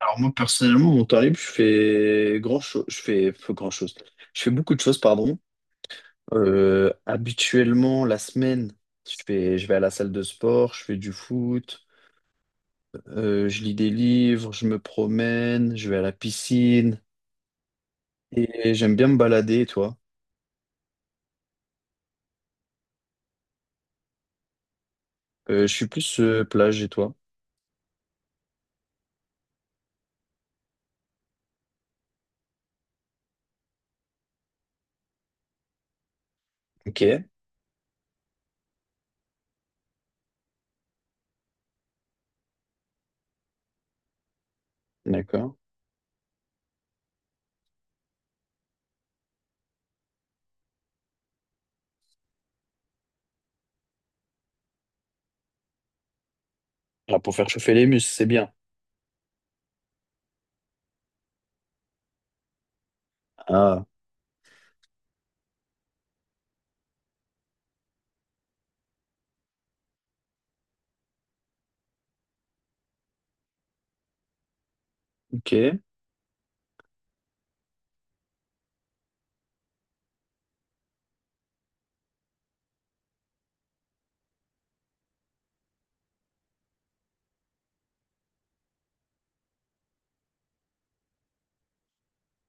Alors moi personnellement, mon temps libre, je fais grand chose, je fais grand chose. Je fais beaucoup de choses, pardon. Habituellement, la semaine, je vais à la salle de sport, je fais du foot, je lis des livres, je me promène, je vais à la piscine et j'aime bien me balader. Et toi? Je suis plus plage. Et toi? Ok, d'accord. Là pour faire chauffer les muscles, c'est bien. Ah, ok.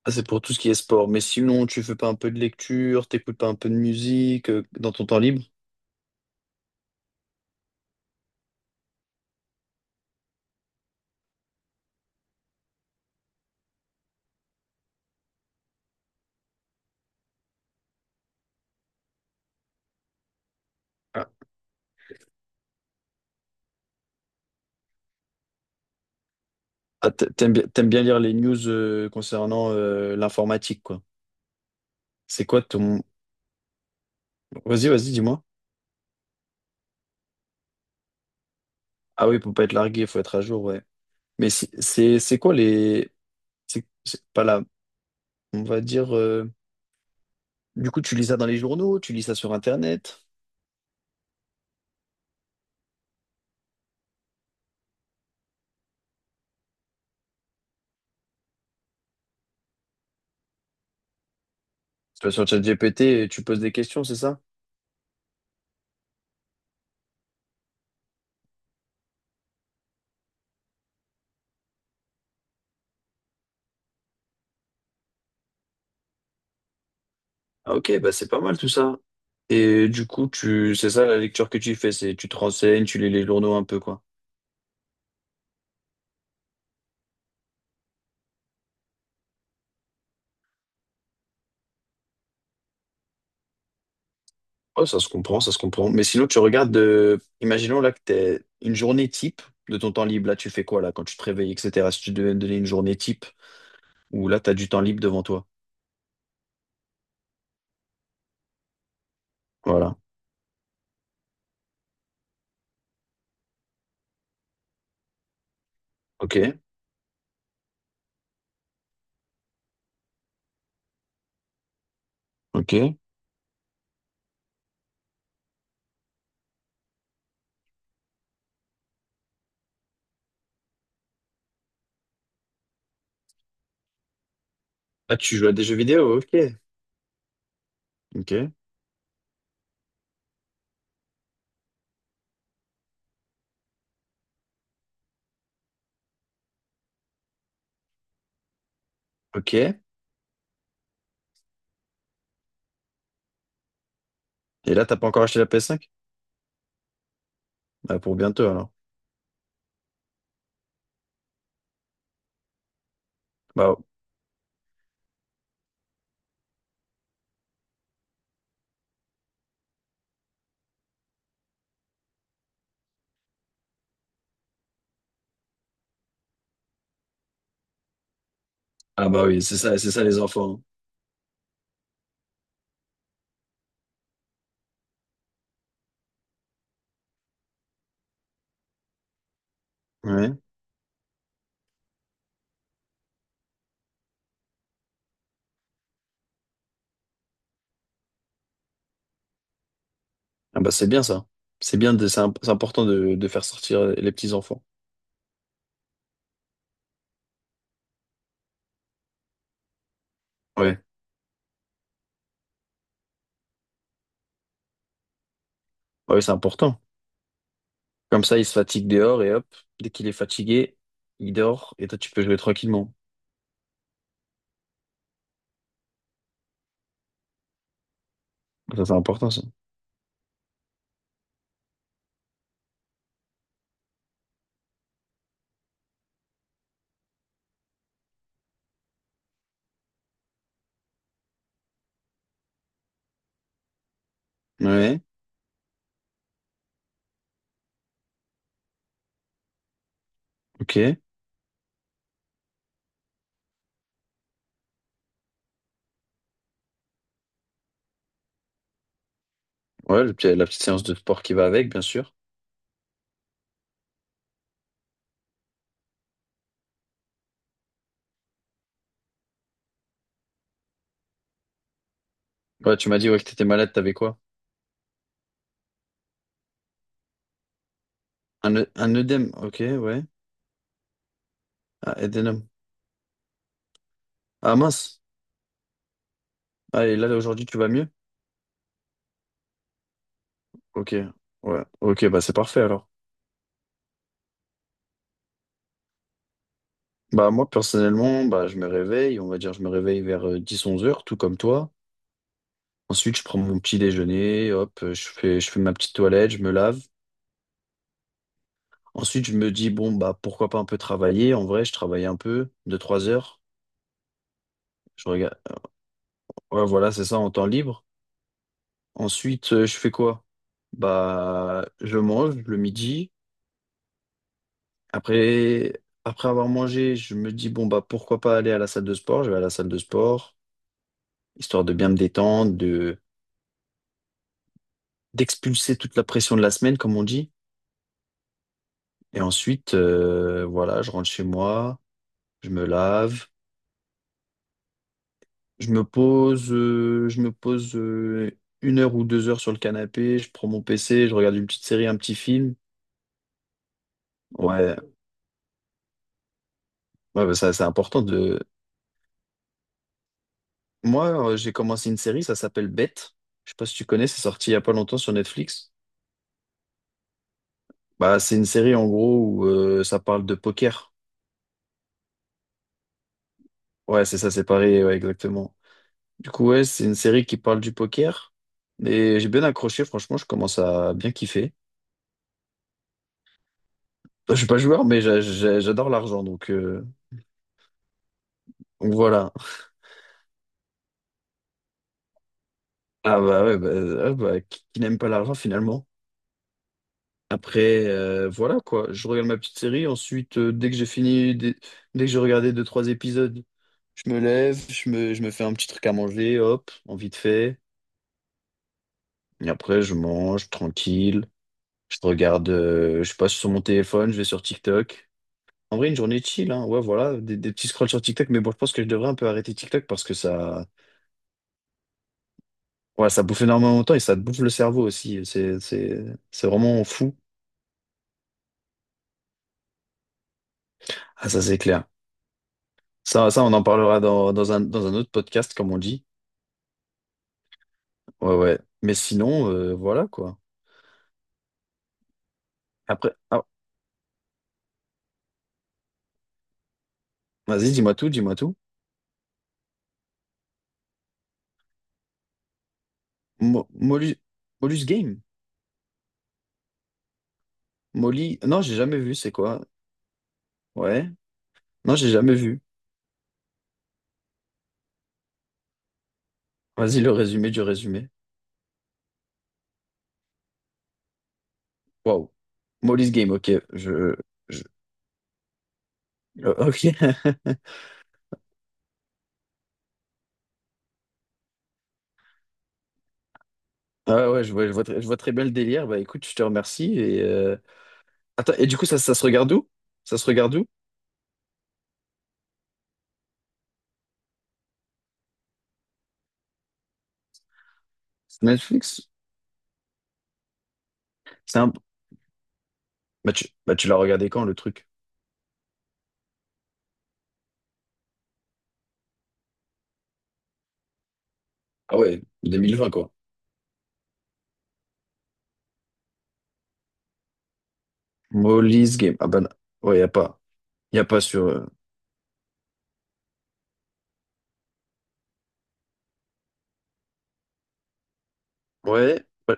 Ah, c'est pour tout ce qui est sport. Mais sinon, tu fais pas un peu de lecture, t'écoutes pas un peu de musique dans ton temps libre? Ah, t'aimes bien lire les news concernant l'informatique, quoi. C'est quoi ton... Vas-y, vas-y, dis-moi. Ah oui, pour pas être largué, il faut être à jour, ouais. Mais c'est quoi les... C'est pas là. On va dire... Du coup, tu lis ça dans les journaux, tu lis ça sur Internet, tu vas sur ChatGPT et tu poses des questions, c'est ça? Ah, ok, bah c'est pas mal tout ça. Et du coup, tu... c'est ça la lecture que tu fais, c'est tu te renseignes, tu lis les journaux un peu, quoi. Ouais, ça se comprend, ça se comprend. Mais sinon, imaginons là que t'es une journée type de ton temps libre. Là, tu fais quoi là quand tu te réveilles, etc. Si tu devais me donner une journée type où là, t'as du temps libre devant toi. Voilà. Ok, ok. Ah, tu joues à des jeux vidéo, ok. Ok, ok. Et là, t'as pas encore acheté la PS5? Bah, pour bientôt alors. Bah, ah bah oui, c'est ça les enfants. Hein. Ouais. Ah bah c'est bien ça. C'est bien, c'est important de faire sortir les petits enfants. Ouais. Bah oui, c'est important. Comme ça, il se fatigue dehors et hop, dès qu'il est fatigué, il dort et toi, tu peux jouer tranquillement. Ça, c'est important, ça. Ouais, ok. Ouais, la petite séance de sport qui va avec, bien sûr. Ouais, tu m'as dit ouais, que t'étais malade, t'avais quoi? Un œdème, ok, ouais. Ah, édénome. Ah, mince. Ah, et là, aujourd'hui, tu vas mieux? Ok, ouais. Ok, bah c'est parfait alors. Bah moi, personnellement, bah je me réveille, on va dire, je me réveille vers 10-11 heures, tout comme toi. Ensuite, je prends mon petit déjeuner, hop, je fais ma petite toilette, je me lave. Ensuite, je me dis, bon, bah, pourquoi pas un peu travailler. En vrai, je travaille un peu, 2 trois heures. Je regarde. Ouais, voilà, c'est ça, en temps libre. Ensuite, je fais quoi? Bah, je mange le midi. Après, après avoir mangé, je me dis, bon, bah, pourquoi pas aller à la salle de sport? Je vais à la salle de sport, histoire de bien me détendre, d'expulser toute la pression de la semaine, comme on dit. Et ensuite, voilà, je rentre chez moi, je me lave. Je me pose 1 heure ou 2 heures sur le canapé, je prends mon PC, je regarde une petite série, un petit film. Ouais, ouais, bah, ça, c'est important de. Moi, j'ai commencé une série, ça s'appelle Bête. Je sais pas si tu connais, c'est sorti il y a pas longtemps sur Netflix. Bah, c'est une série en gros où ça parle de poker. Ouais, c'est ça, c'est pareil, ouais, exactement. Du coup, ouais, c'est une série qui parle du poker. Et j'ai bien accroché, franchement, je commence à bien kiffer. Je suis pas joueur, mais j'adore l'argent, donc voilà. Ah bah ouais, bah, ah bah, qui n'aime pas l'argent finalement. Après, voilà quoi, je regarde ma petite série, ensuite dès que j'ai fini, dès que j'ai regardé deux, trois épisodes, je me lève, je me fais un petit truc à manger, hop, en vite fait. Et après, je mange tranquille, je passe sur mon téléphone, je vais sur TikTok. En vrai, une journée chill, hein, ouais, voilà, des petits scrolls sur TikTok, mais bon, je pense que je devrais un peu arrêter TikTok parce que ça, ouais, ça bouffe énormément de temps et ça te bouffe le cerveau aussi, c'est vraiment fou. Ah, ça c'est clair. Ça, on en parlera dans un autre podcast, comme on dit. Ouais, ouais. Mais sinon, voilà quoi. Après, ah, vas-y, dis-moi tout, dis-moi tout. Molus, Molus Game. Molly. Non, j'ai jamais vu, c'est quoi? Ouais. Non, j'ai jamais vu. Vas-y, le résumé du résumé. Waouh. Molly's Game, ok. Je, je- ok. Ah ouais, je vois très bien le délire. Bah écoute, je te remercie. Et, attends, et du coup, ça se regarde où? Ça se regarde où? Netflix? C'est un... Bah, tu l'as regardé quand, le truc? Ah ouais, 2020 quoi. Molly's Game. Ah ben, ouais, y a pas. Y a pas sur. Ouais, ouais,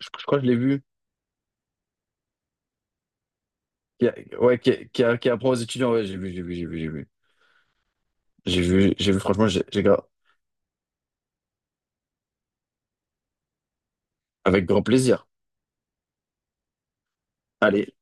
je crois que je l'ai vu. Qui a- ouais, qui apprend aux étudiants. Ouais, j'ai vu, j'ai vu, j'ai vu, j'ai vu. J'ai vu, j'ai vu, franchement, avec grand plaisir. Allez,